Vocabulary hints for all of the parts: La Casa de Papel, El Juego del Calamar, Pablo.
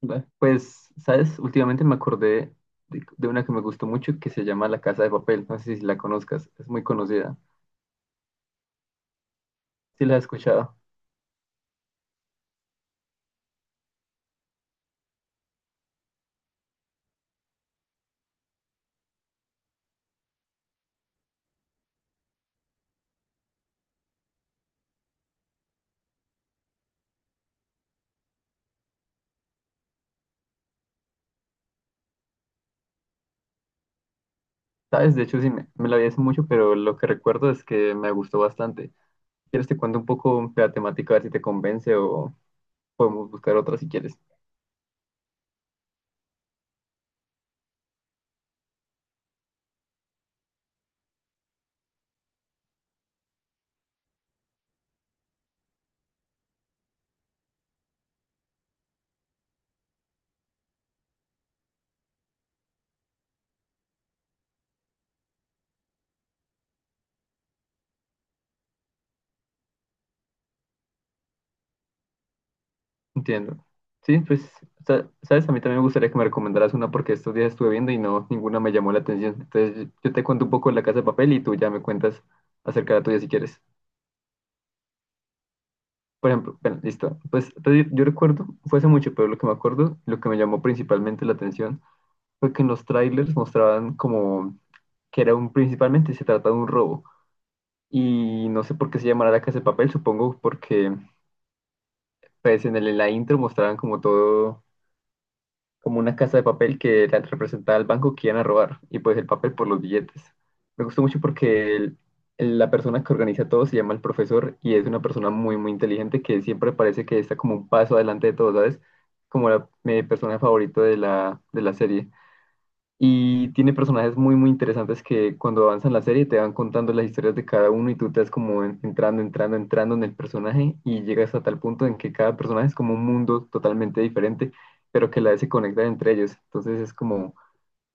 Ve, Pues, ¿sabes? Últimamente me acordé de una que me gustó mucho que se llama La Casa de Papel. No sé si la conozcas, es muy conocida. Sí la has escuchado. ¿Sabes? De hecho, sí, me la vi hace mucho, pero lo que recuerdo es que me gustó bastante. ¿Quieres te cuento un poco de la temática, a ver si te convence o podemos buscar otra si quieres? Entiendo. Sí, pues, ¿sabes? A mí también me gustaría que me recomendaras una porque estos días estuve viendo y no, ninguna me llamó la atención. Entonces, yo te cuento un poco de La Casa de Papel y tú ya me cuentas acerca de la tuya si quieres. Por ejemplo, bueno, listo. Pues entonces, yo recuerdo, fue hace mucho, pero lo que me acuerdo, lo que me llamó principalmente la atención fue que en los trailers mostraban como que era un, principalmente se trata de un robo. Y no sé por qué se llamará la casa de papel, supongo porque pues en, en la intro mostraban como todo como una casa de papel que era- representaba al banco que iban a robar y pues el papel por los billetes. Me gustó mucho porque la persona que organiza todo se llama el profesor y es una persona muy, muy inteligente que siempre parece que está como un paso adelante de todos, ¿sabes? Como la, mi personaje favorito de la serie. Y tiene personajes muy, muy interesantes que cuando avanzan la serie te van contando las historias de cada uno y tú te vas como entrando, entrando, entrando en el personaje y llegas a tal punto en que cada personaje es como un mundo totalmente diferente, pero que a la vez se conectan entre ellos. Entonces es como,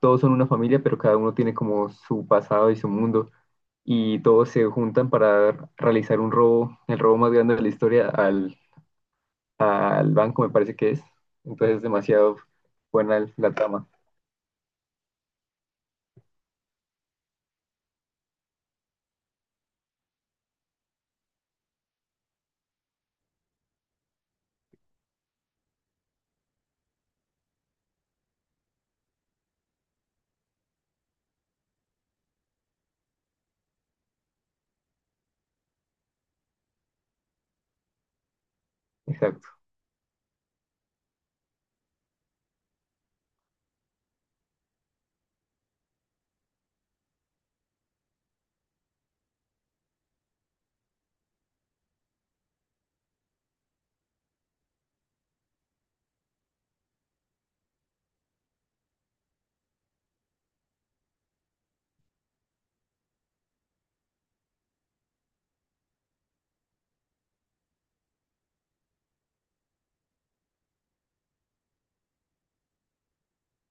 todos son una familia, pero cada uno tiene como su pasado y su mundo y todos se juntan para realizar un robo, el robo más grande de la historia al, al banco, me parece que es. Entonces es demasiado buena la trama. Exacto.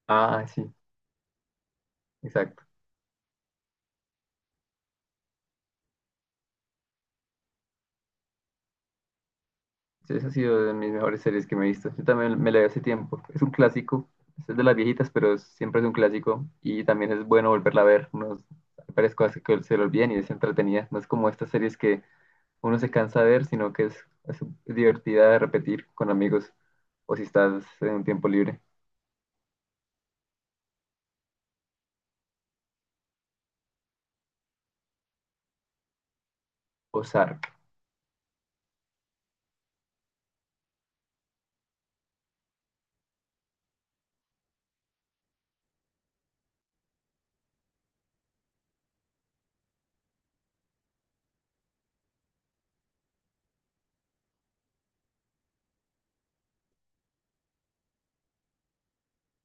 Ah, sí, exacto. Sí, esa ha sido de mis mejores series que me he visto. Yo también me la vi hace tiempo. Es un clásico. Es de las viejitas, pero siempre es un clásico. Y también es bueno volverla a ver. Unos, hay varias cosas que se le olvidan y es entretenida. No es como estas series que uno se cansa de ver, sino que es divertida de repetir con amigos. O si estás en un tiempo libre. O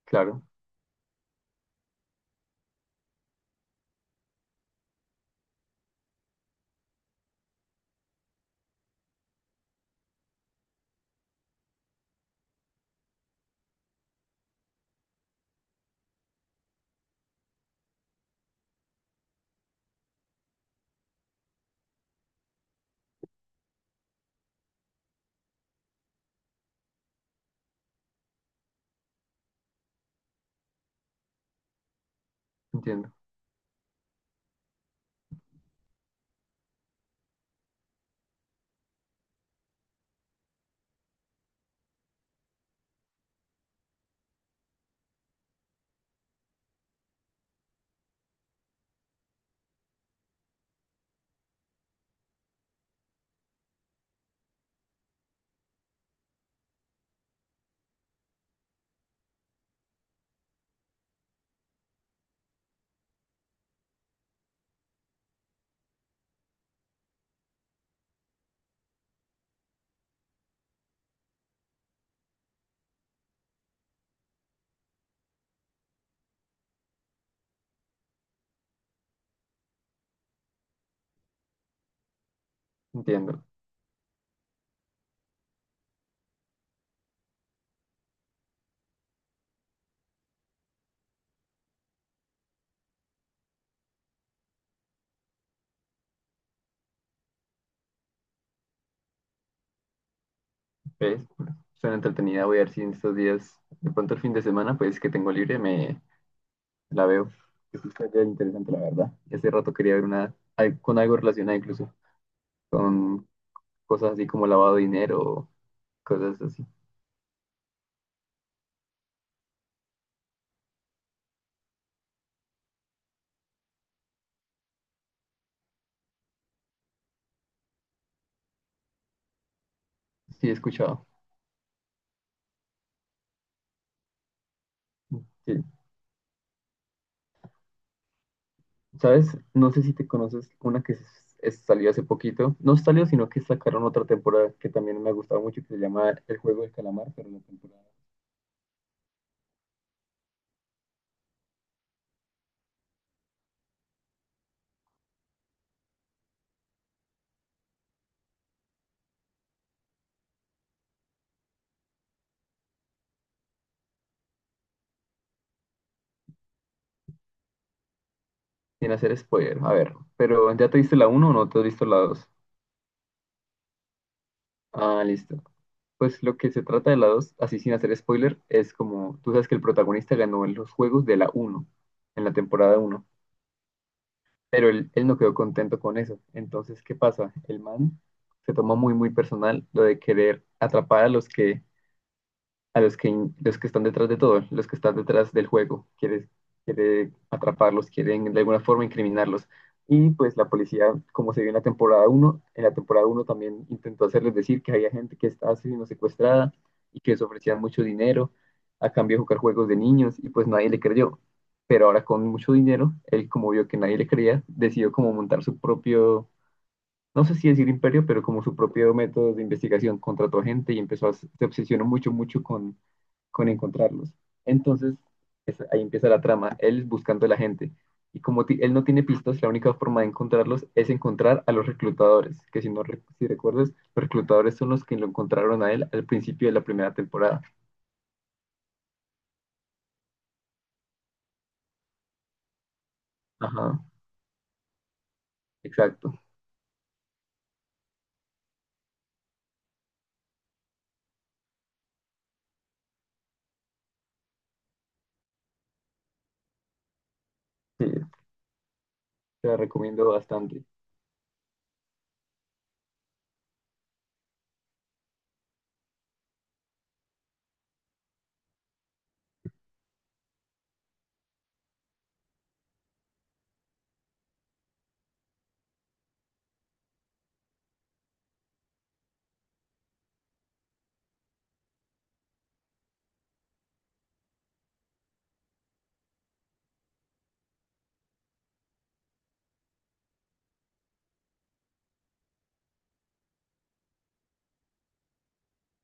claro. Entiendo, entiendo. ¿Ves? Suena entretenida. Voy a ver si en estos días, de pronto el fin de semana, pues que tengo libre, me, la veo. Es una historia interesante, la verdad. Y hace rato quería ver una con algo relacionado incluso con cosas así como lavado de dinero, cosas así. Sí, he escuchado. Sí. ¿Sabes? No sé si te conoces una que salió hace poquito. No salió, sino que sacaron otra temporada que también me ha gustado mucho, que se llama El Juego del Calamar, pero la temporada. Sin hacer spoiler, a ver. Pero ¿ya te viste la uno o no te has visto la dos? Ah, listo. Pues lo que se trata de la 2, así sin hacer spoiler, es como tú sabes que el protagonista ganó en los juegos de la uno, en la temporada uno, pero él no quedó contento con eso. Entonces, ¿qué pasa? El man se toma muy, muy personal lo de querer atrapar a los que a los que, los que están detrás de todo, los que están detrás del juego. Quiere, quiere atraparlos, quieren de alguna forma incriminarlos. Y pues la policía, como se vio en la temporada uno, en la temporada uno también intentó hacerles decir que había gente que estaba siendo secuestrada y que les ofrecían mucho dinero a cambio de jugar juegos de niños y pues nadie le creyó. Pero ahora con mucho dinero, él como vio que nadie le creía, decidió como montar su propio, no sé si decir imperio, pero como su propio método de investigación. Contrató gente y empezó a, se obsesionó mucho, mucho con encontrarlos. Entonces, ahí empieza la trama, él buscando a la gente. Y como él no tiene pistas, la única forma de encontrarlos es encontrar a los reclutadores, que si no si recuerdas, los reclutadores son los que lo encontraron a él al principio de la primera temporada. Ajá, exacto. Sí, te la recomiendo bastante.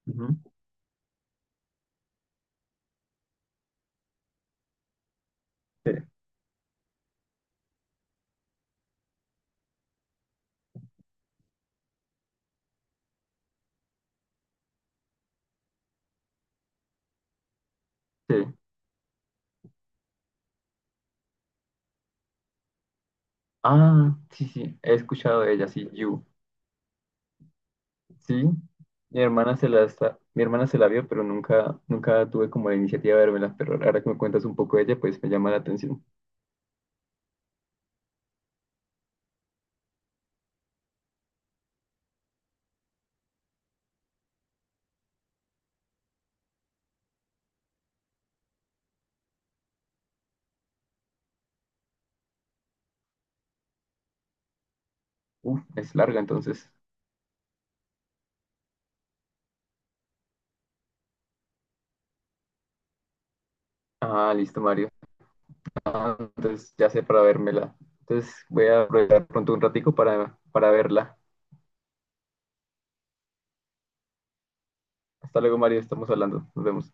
Ujú. Sí, sí. Ah, sí, sí, he escuchado de ella, sí, You. Sí, mi hermana se la vio, pero nunca, nunca tuve como la iniciativa de vérmela, pero ahora que me cuentas un poco de ella, pues me llama la atención. Uf, es larga entonces. Ah, listo, Mario. Ah, entonces ya sé para vérmela. Entonces voy a aprovechar pronto un ratico para verla. Hasta luego, Mario. Estamos hablando. Nos vemos.